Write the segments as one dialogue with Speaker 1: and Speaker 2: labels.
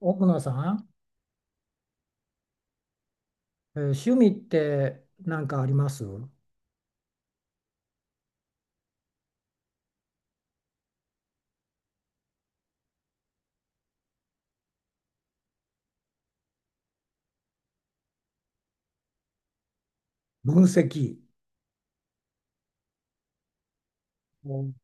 Speaker 1: 奥野さん、えー趣味って何かあります析。うん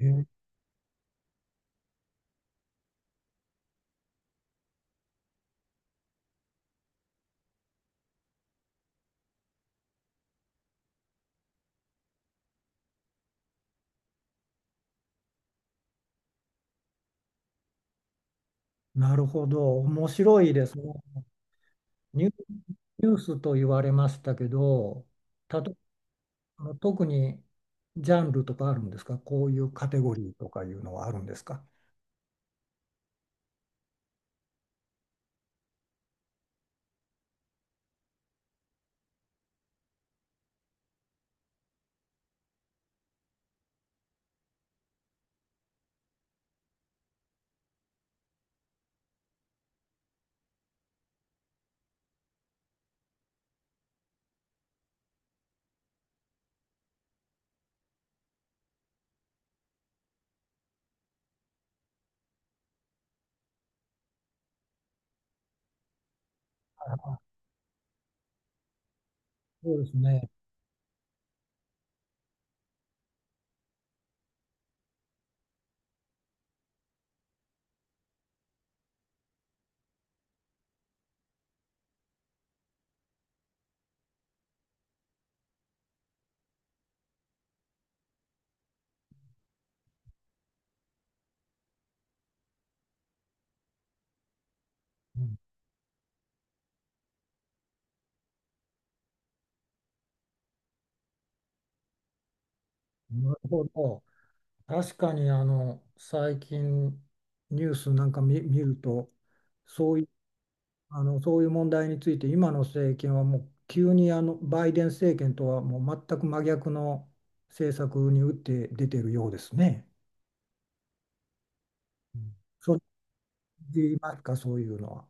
Speaker 1: えなるほど、面白いですね。ニュ、ニュースと言われましたけど、たと、あの特にジャンルとかあるんですか？こういうカテゴリーとかいうのはあるんですか？そうですね。うん。なるほど。確かにあの最近ニュースなんか見、見ると、そうあのそういう問題について今の政権はもう急にあのバイデン政権とはもう全く真逆の政策に打って出てるようですね。うん。そう言いますか、そういうのは。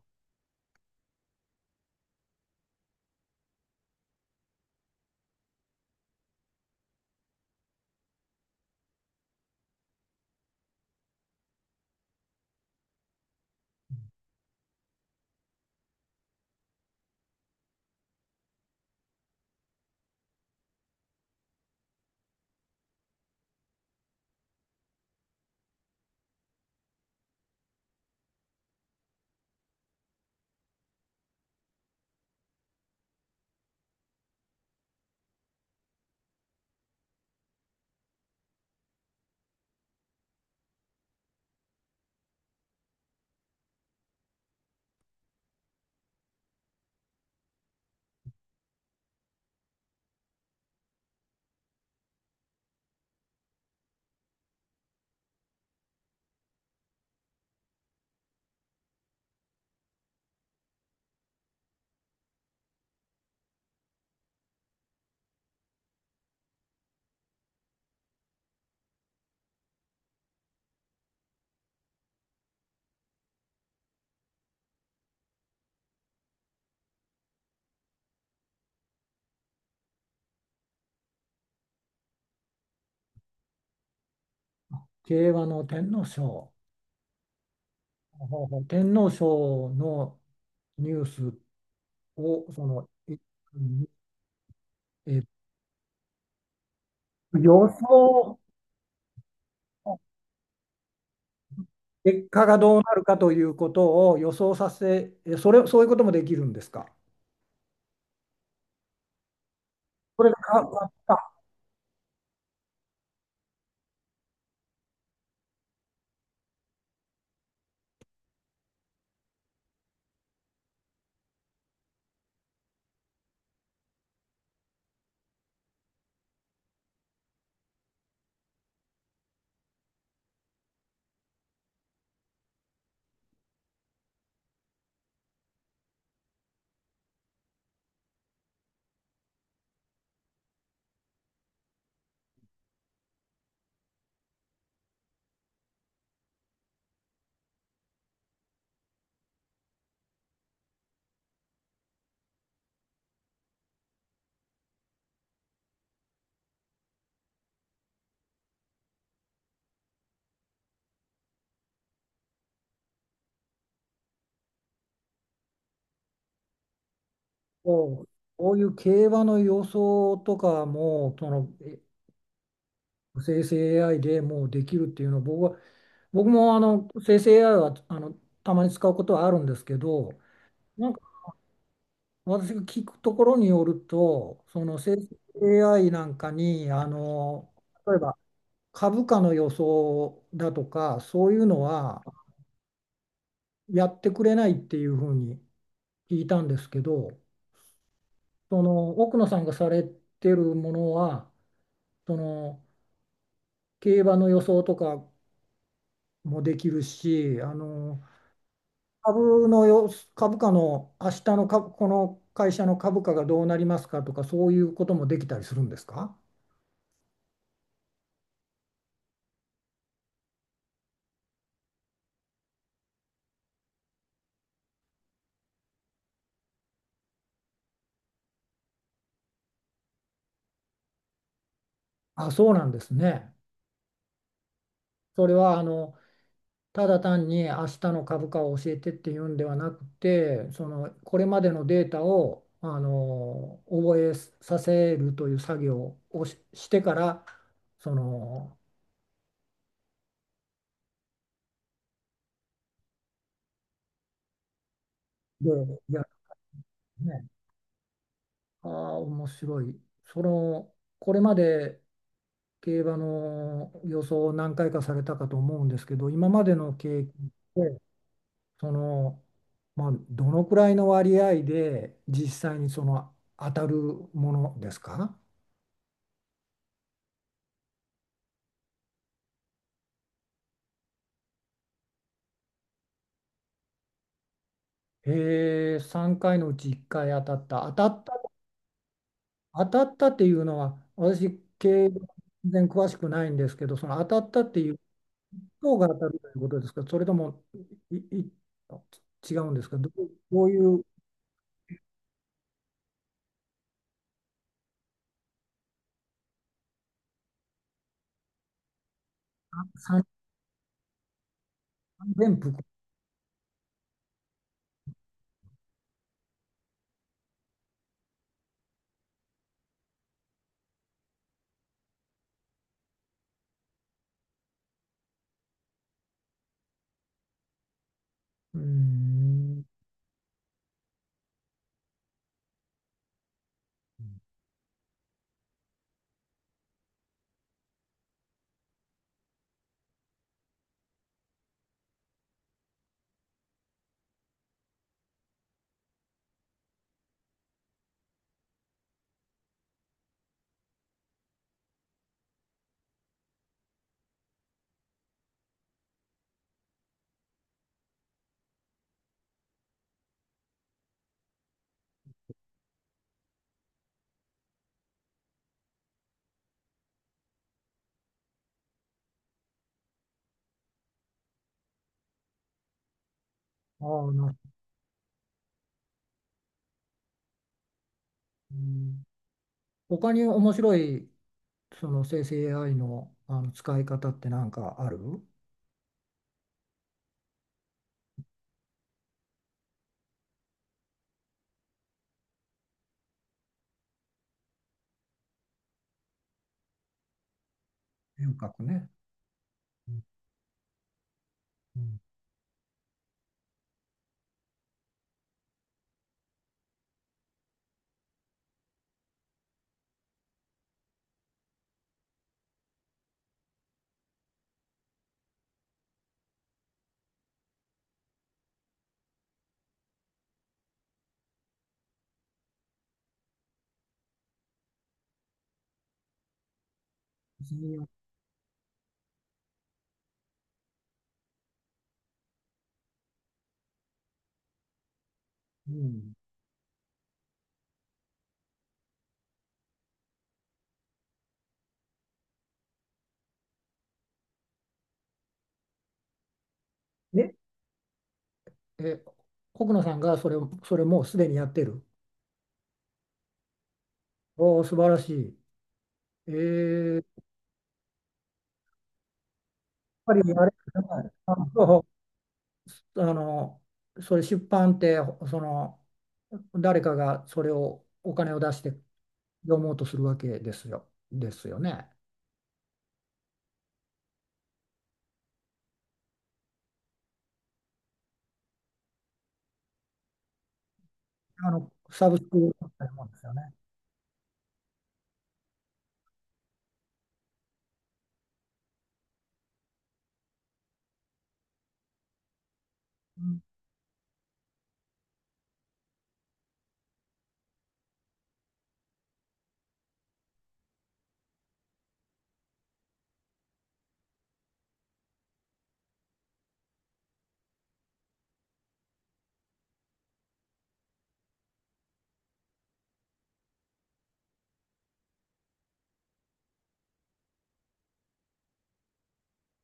Speaker 1: 競馬の天皇賞、ほうほう、天皇賞のニュースをその、え予想、結果がどうなるかということを予想させ、えそれ、そういうこともできるんですか？それがかそう、こういう競馬の予想とかも、そのえ生成 AI でもうできるっていうのは、僕もあの生成 AI はあのたまに使うことはあるんですけど、なんか私が聞くところによると、その生成 AI なんかに、あの例えば株価の予想だとか、そういうのはやってくれないっていうふうに聞いたんですけど、その奥野さんがされてるものは、その競馬の予想とかもできるし、あの株のよ、株価の明日の株、この会社の株価がどうなりますかとか、そういうこともできたりするんですか？あ、そうなんですね。それはあのただ単に明日の株価を教えてっていうんではなくて、そのこれまでのデータをあの覚えさせるという作業をし、してから、その、で、やるね。ああ、面白い。その、これまで競馬の予想を何回かされたかと思うんですけど、今までの経験で、その、まあ、どのくらいの割合で実際にその当たるものですか？えー、3回のうち1回当たった。当たったっていうのは、私、競馬全然詳しくないんですけど、その当たったっていうが当たるということですか？それともいい違うんですか？どういう三三元服。うーん、ああ、なるほど。うん。他に面白いその生成 AI の、あの使い方って何かある？遠隔ね。うん。うん。別。うん。え、え、国野さんがそれを、それもうすでにやってる？おお、素晴らしい。えー、やっぱりあれ、はいああの、それ出版って、その、誰かがそれをお金を出して読もうとするわけですよ、ですよね？あの、サブスクみたいなもんですよね。うん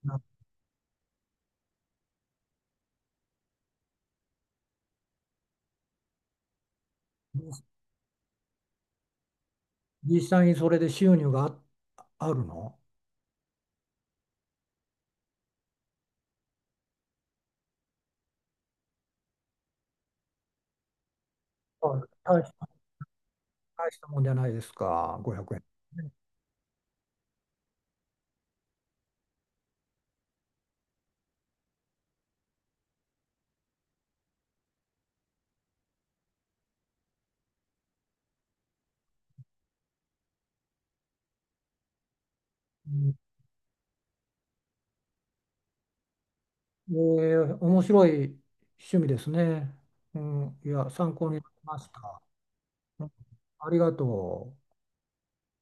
Speaker 1: な実際にそれで収入があるの？はい。大した、大したもんじゃないですか、500円。うん。えー、面白い趣味ですね。うん、いや、参考になりました。うん、ありがとう。